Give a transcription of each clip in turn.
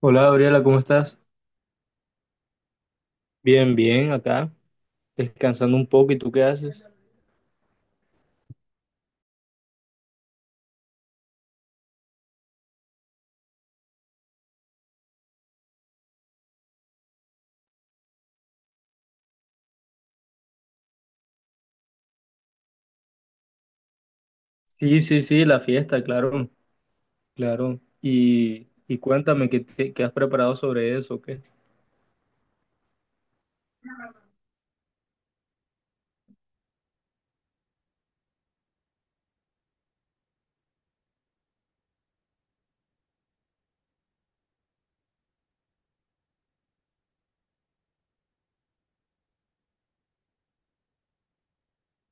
Hola Gabriela, ¿cómo estás? Bien, bien, acá, descansando un poco. ¿Y tú qué haces? Sí, sí, sí, la fiesta, claro, claro. Y cuéntame, ¿qué has preparado sobre eso? ¿Qué?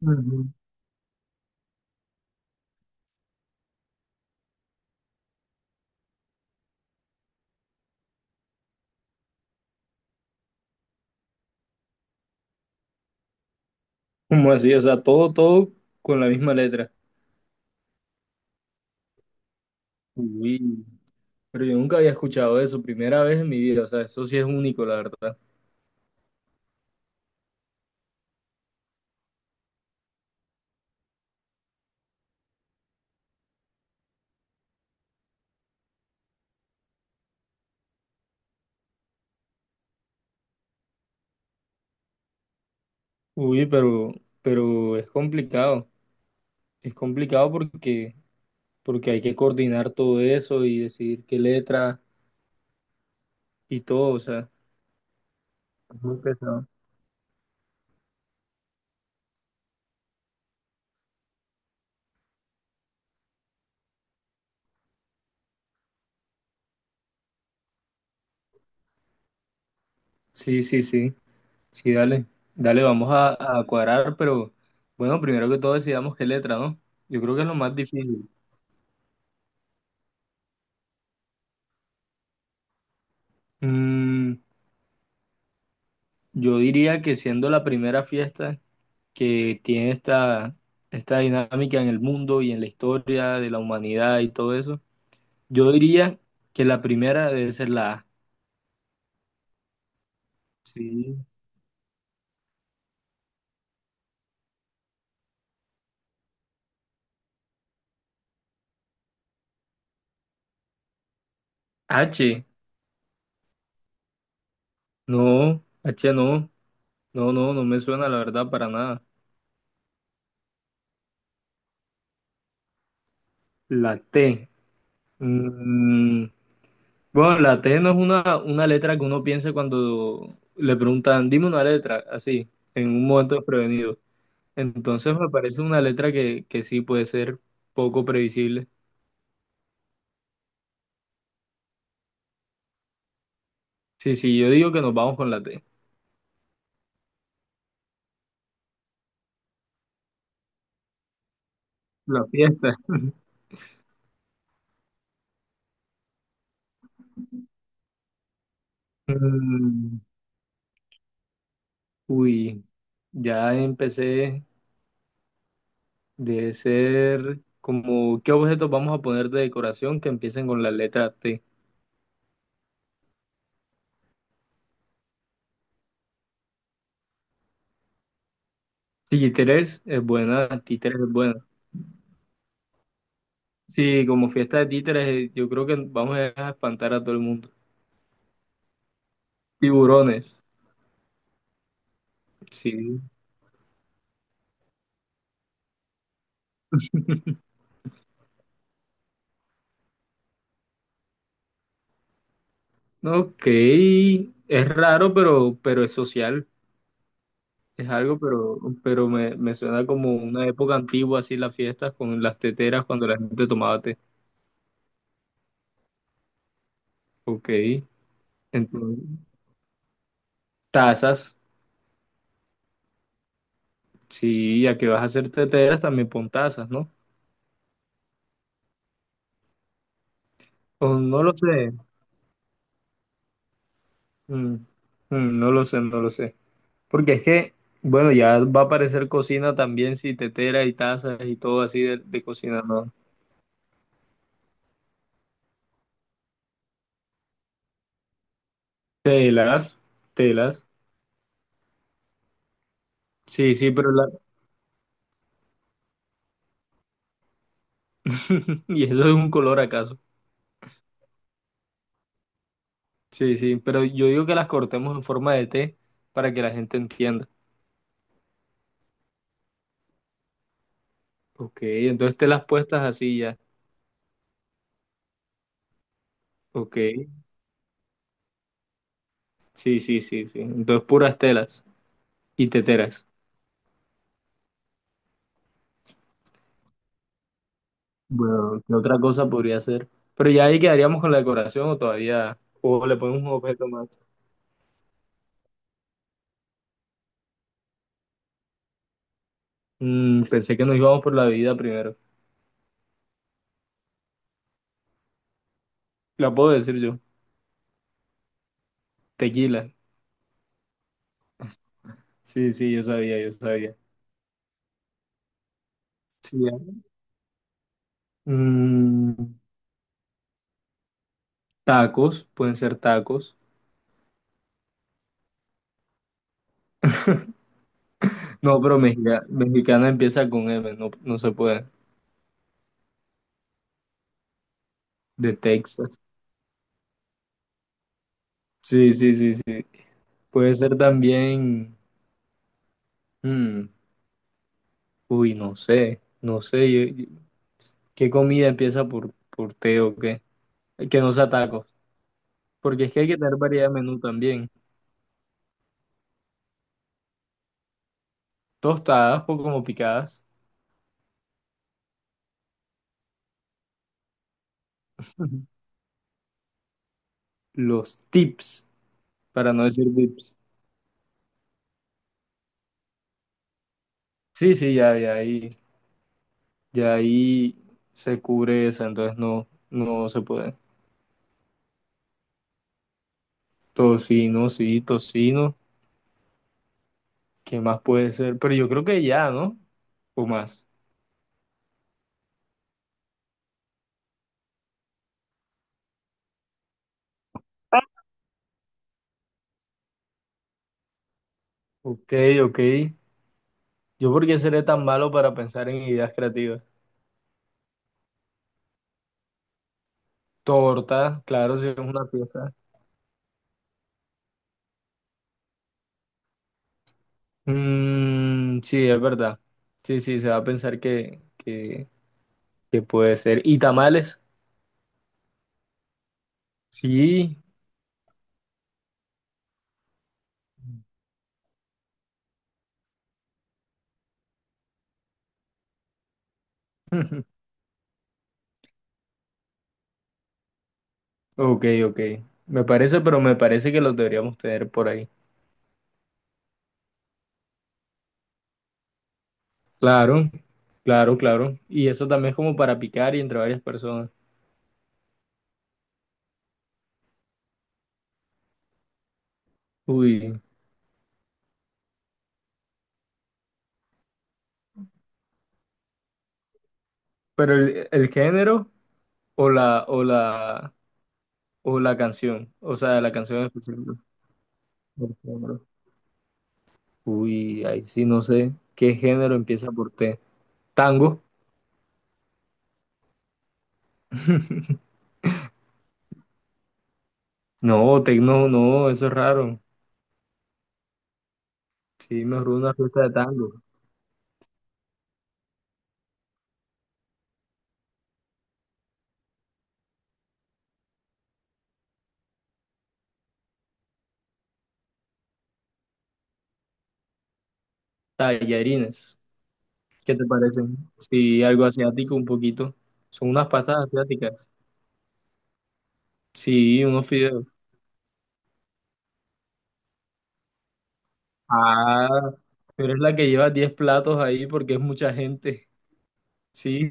Ujú. ¿Cómo así? O sea, todo con la misma letra. Uy, pero yo nunca había escuchado eso, primera vez en mi vida. O sea, eso sí es único, la verdad. Uy, pero es complicado. Es complicado porque hay que coordinar todo eso y decidir qué letra y todo, o sea. Es muy pesado. Sí, sí, sí, sí, dale, dale, vamos a cuadrar, pero bueno, primero que todo decidamos qué letra, ¿no? Yo creo que es lo más difícil. Mm, yo diría que siendo la primera fiesta que tiene esta dinámica en el mundo y en la historia de la humanidad y todo eso, yo diría que la primera debe ser la A. Sí. H, no, H no, no, no, no me suena la verdad para nada. La T. Mm, Bueno, la T no es una letra que uno piensa cuando le preguntan, dime una letra, así, en un momento desprevenido. Entonces me parece una letra que sí puede ser poco previsible. Sí, sí, yo digo que nos vamos con la T. La fiesta. Mm, Uy, ya empecé de ser como, ¿qué objetos vamos a poner de decoración que empiecen con la letra T? Títeres es buena, títeres es buena. Sí, como fiesta de títeres, yo creo que vamos a dejar espantar a todo el mundo. Tiburones, sí. Ok, es raro, pero es social. Es algo, pero, me suena como una época antigua, así las fiestas con las teteras cuando la gente tomaba té. Ok, entonces, tazas, sí, ya que vas a hacer teteras, también pon tazas, ¿no? O no lo sé, Mm, no lo sé, no lo sé. Porque es que, bueno, ya va a aparecer cocina también, si teteras y tazas y todo así de cocina, ¿no? Telas, telas. Sí, sí, pero la... Y eso es un color acaso. Sí, sí, pero yo digo que las cortemos en forma de T para que la gente entienda. Ok, entonces telas puestas así ya. Ok, sí, sí, sí, sí. Entonces puras telas y teteras. Bueno, ¿qué otra cosa podría ser? Pero ya ahí quedaríamos con la decoración o todavía, o le ponemos un objeto más. Mm, pensé que nos íbamos por la bebida primero. La puedo decir yo. Tequila. Sí, sí, yo sabía, yo sabía. Sí, ya. Mm, tacos, pueden ser tacos. No, pero mexicana empieza con M, no, no se puede. De Texas. Sí, sí, sí, sí. Puede ser también. mm, uy, no sé, no sé. ¿Qué comida empieza por T o qué? Que no sea tacos. Porque es que hay que tener variedad de menú también. Tostadas o como picadas. Ujú. Los tips, para no decir VIPs. Sí, sí, ya ahí se cubre esa, entonces no, no se puede. Tocino, sí, tocino, ¿qué más puede ser? Pero yo creo que ya, ¿no? O más. Ok, ok. ¿Yo por qué seré tan malo para pensar en ideas creativas? Torta, claro, si es una pieza. Mm, sí, es verdad. Sí, sí, se va a pensar que puede ser. ¿Y tamales? Sí, ok, ok. Me parece, pero me parece que los deberíamos tener por ahí. Claro, claro, claro. Y eso también es como para picar y entre varias personas. Uy, pero el género o la o la o la canción, o sea, la canción en específico. El género. Uy, ahí sí no sé qué género empieza por T. Tango. No, tecno, no, eso es raro. Sí, mejor una fiesta de tango. Tallarines. ¿Qué te parecen? Sí, algo asiático un poquito. Son unas pastas asiáticas. Sí, unos fideos. Ah, pero es la que lleva 10 platos ahí porque es mucha gente. Sí,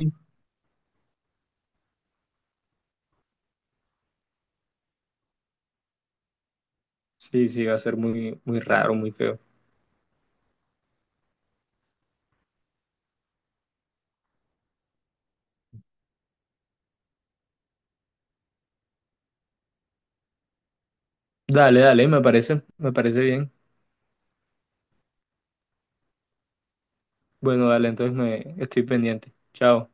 sí, sí, va a ser muy, muy raro, muy feo. Dale, dale, me parece bien. Bueno, dale, entonces me estoy pendiente. Chao.